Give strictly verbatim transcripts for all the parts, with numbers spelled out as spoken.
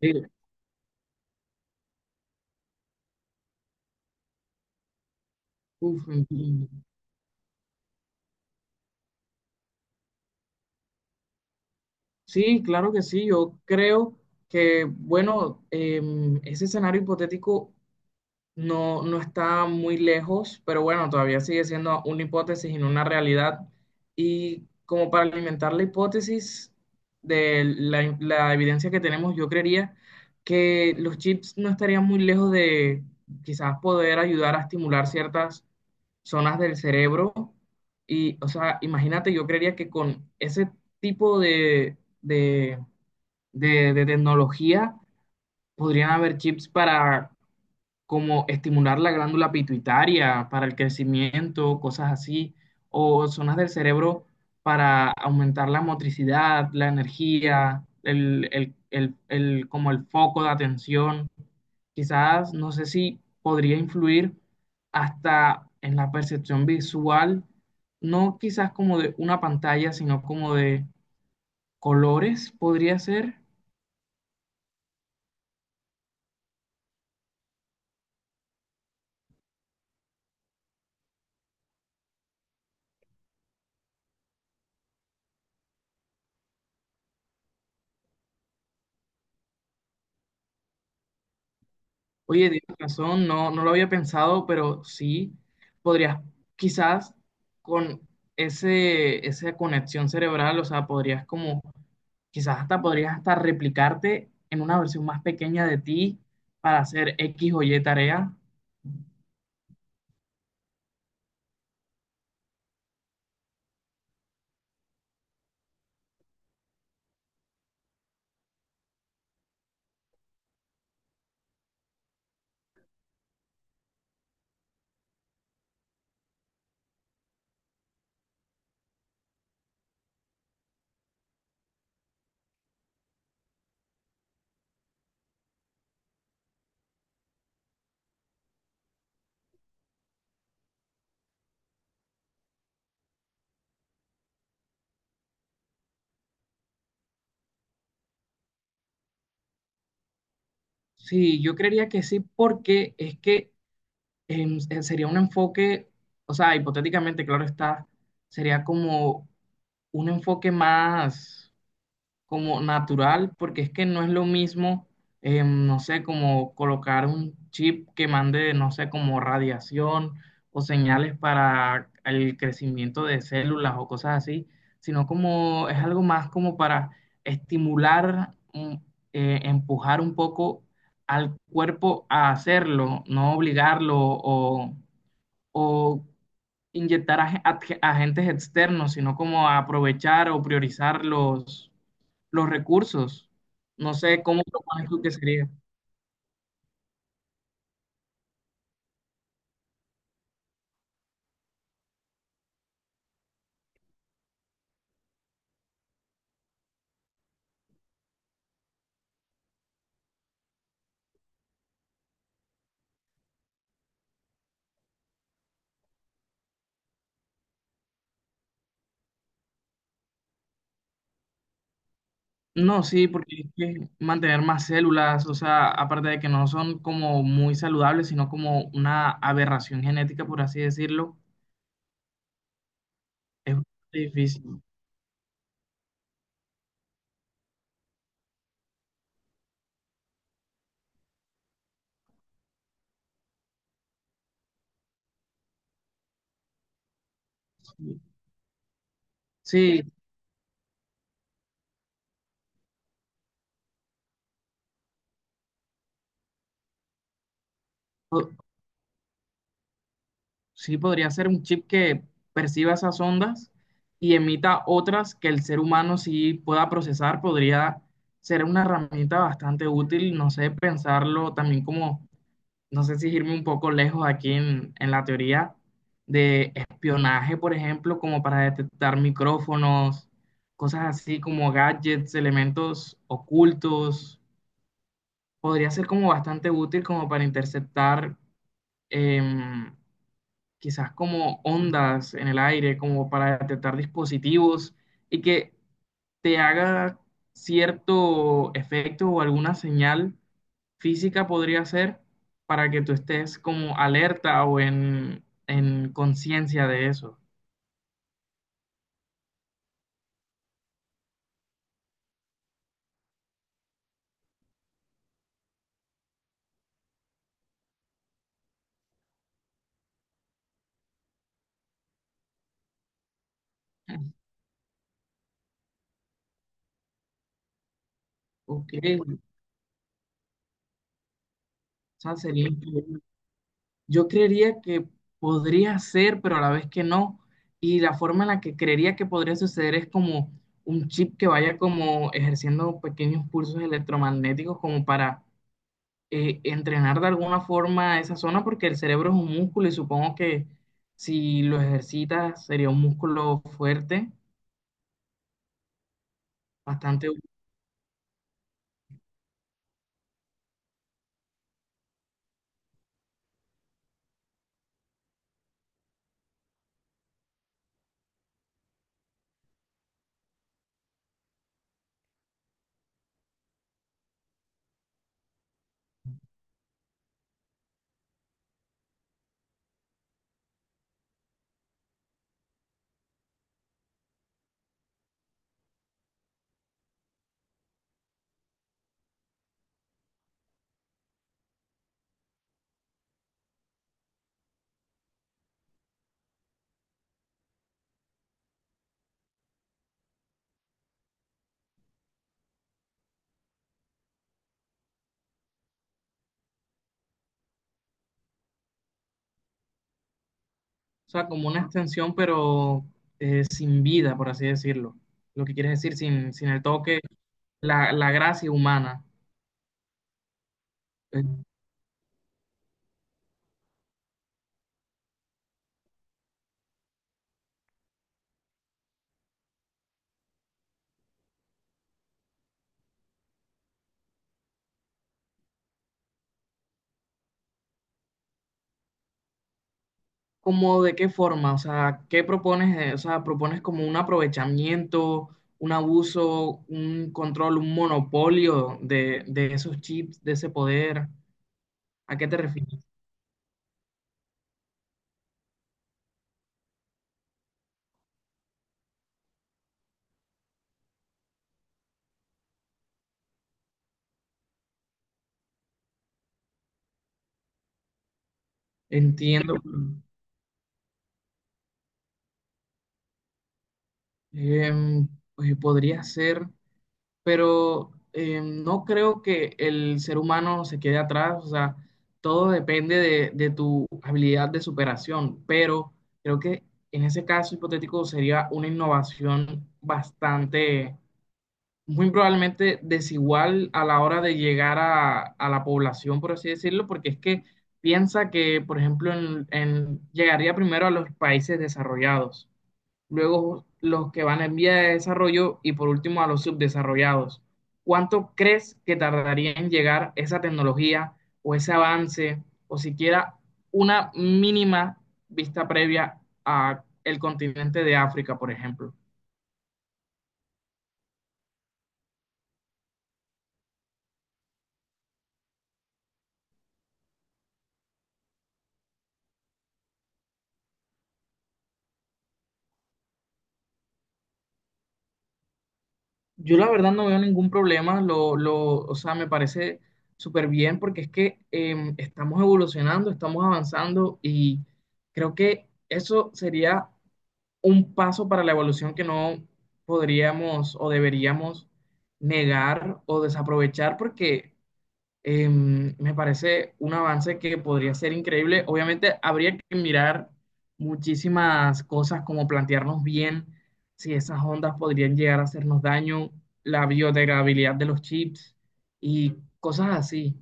Sí, uf, entiendo. Sí, claro que sí. Yo creo que, bueno, em, ese escenario hipotético no, no está muy lejos, pero bueno, todavía sigue siendo una hipótesis y no una realidad. Y como para alimentar la hipótesis de la, la evidencia que tenemos, yo creería que los chips no estarían muy lejos de quizás poder ayudar a estimular ciertas zonas del cerebro. Y, o sea, imagínate, yo creería que con ese tipo de, de, de, de tecnología podrían haber chips para como estimular la glándula pituitaria para el crecimiento, cosas así, o zonas del cerebro para aumentar la motricidad, la energía, el, el- el- el- como el foco de atención. Quizás, no sé si podría influir hasta en la percepción visual, no quizás como de una pantalla, sino como de colores, podría ser. Oye, tienes razón, no, no lo había pensado, pero sí, podrías quizás con ese, esa conexión cerebral, o sea, podrías como, quizás hasta podrías hasta replicarte en una versión más pequeña de ti para hacer X o Y tarea. Sí, yo creería que sí, porque es que em, eh, sería un enfoque, o sea, hipotéticamente, claro está, sería como un enfoque más como natural, porque es que no es lo mismo, eh, no sé, como colocar un chip que mande, no sé, como radiación o señales para el crecimiento de células o cosas así, sino como es algo más como para estimular, mm, eh, empujar un poco al cuerpo a hacerlo, no obligarlo o o inyectar ag- ag- agentes externos, sino como aprovechar o priorizar los, los recursos. No sé cómo propones tú que sería. No, sí, porque es que mantener más células, o sea, aparte de que no son como muy saludables, sino como una aberración genética, por así decirlo, es bastante difícil. Sí, sí, o- sí, podría ser un chip que perciba esas ondas y emita otras que el ser humano sí pueda procesar. Podría ser una herramienta bastante útil, no sé, pensarlo también como, no sé si irme un poco lejos aquí en, en la teoría de espionaje, por ejemplo, como para detectar micrófonos, cosas así como gadgets, elementos ocultos. Podría ser como bastante útil como para interceptar. em, Quizás como ondas en el aire, como para detectar dispositivos y que te haga cierto efecto o alguna señal física podría ser para que tú estés como alerta o en, en conciencia de eso. Ok, o sea, sería increíble. Yo creería que podría ser, pero a la vez que no. Y la forma en la que creería que podría suceder es como un chip que vaya como ejerciendo pequeños pulsos electromagnéticos como para eh, entrenar de alguna forma esa zona, porque el cerebro es un músculo y supongo que si lo ejercitas sería un músculo fuerte, bastante, o sea, como una extensión, pero eh, sin vida, por así decirlo. Lo que quiere decir, sin, sin el toque, la, la gracia humana. ¿Cómo de qué forma? O sea, ¿qué propones? eh? O sea, ¿propones como un aprovechamiento, un abuso, un control, un monopolio de, de esos chips, de ese poder? ¿A qué te refieres? Entiendo. em, pues podría ser, pero em, no creo que el ser humano se quede atrás. O sea, todo depende de, de tu habilidad de superación, pero creo que en ese caso hipotético sería una innovación bastante muy probablemente desigual a la hora de llegar a, a la población, por así decirlo, porque es que piensa que, por ejemplo, en- en- llegaría primero a los países desarrollados, luego los que van en vía de desarrollo y por último a los subdesarrollados. ¿Cuánto crees que tardaría en llegar esa tecnología o ese avance o siquiera una mínima vista previa a el continente de África, por ejemplo? Yo la verdad no veo ningún problema, lo, lo, o sea, me parece súper bien porque es que em, estamos evolucionando, estamos avanzando y creo que eso sería un paso para la evolución que no podríamos o deberíamos negar o desaprovechar porque eh, me parece un avance que podría ser increíble. Obviamente habría que mirar muchísimas cosas como plantearnos bien si esas ondas podrían llegar a hacernos daño, la biodegradabilidad de los chips y cosas así.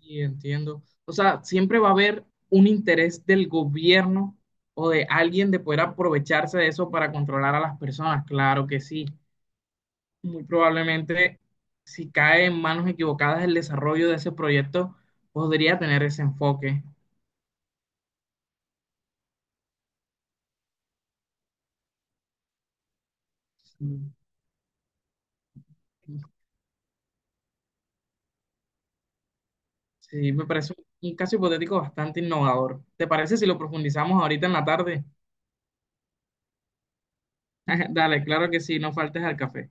Y entiendo. O sea, siempre va a haber un interés del gobierno o de alguien de poder aprovecharse de eso para controlar a las personas. Claro que sí. Muy probablemente, si cae en manos equivocadas el desarrollo de ese proyecto, podría tener ese enfoque. Sí, sí, me parece un un caso hipotético bastante innovador. ¿Te parece si lo profundizamos ahorita en la tarde? Dale, claro que sí, no faltes al café.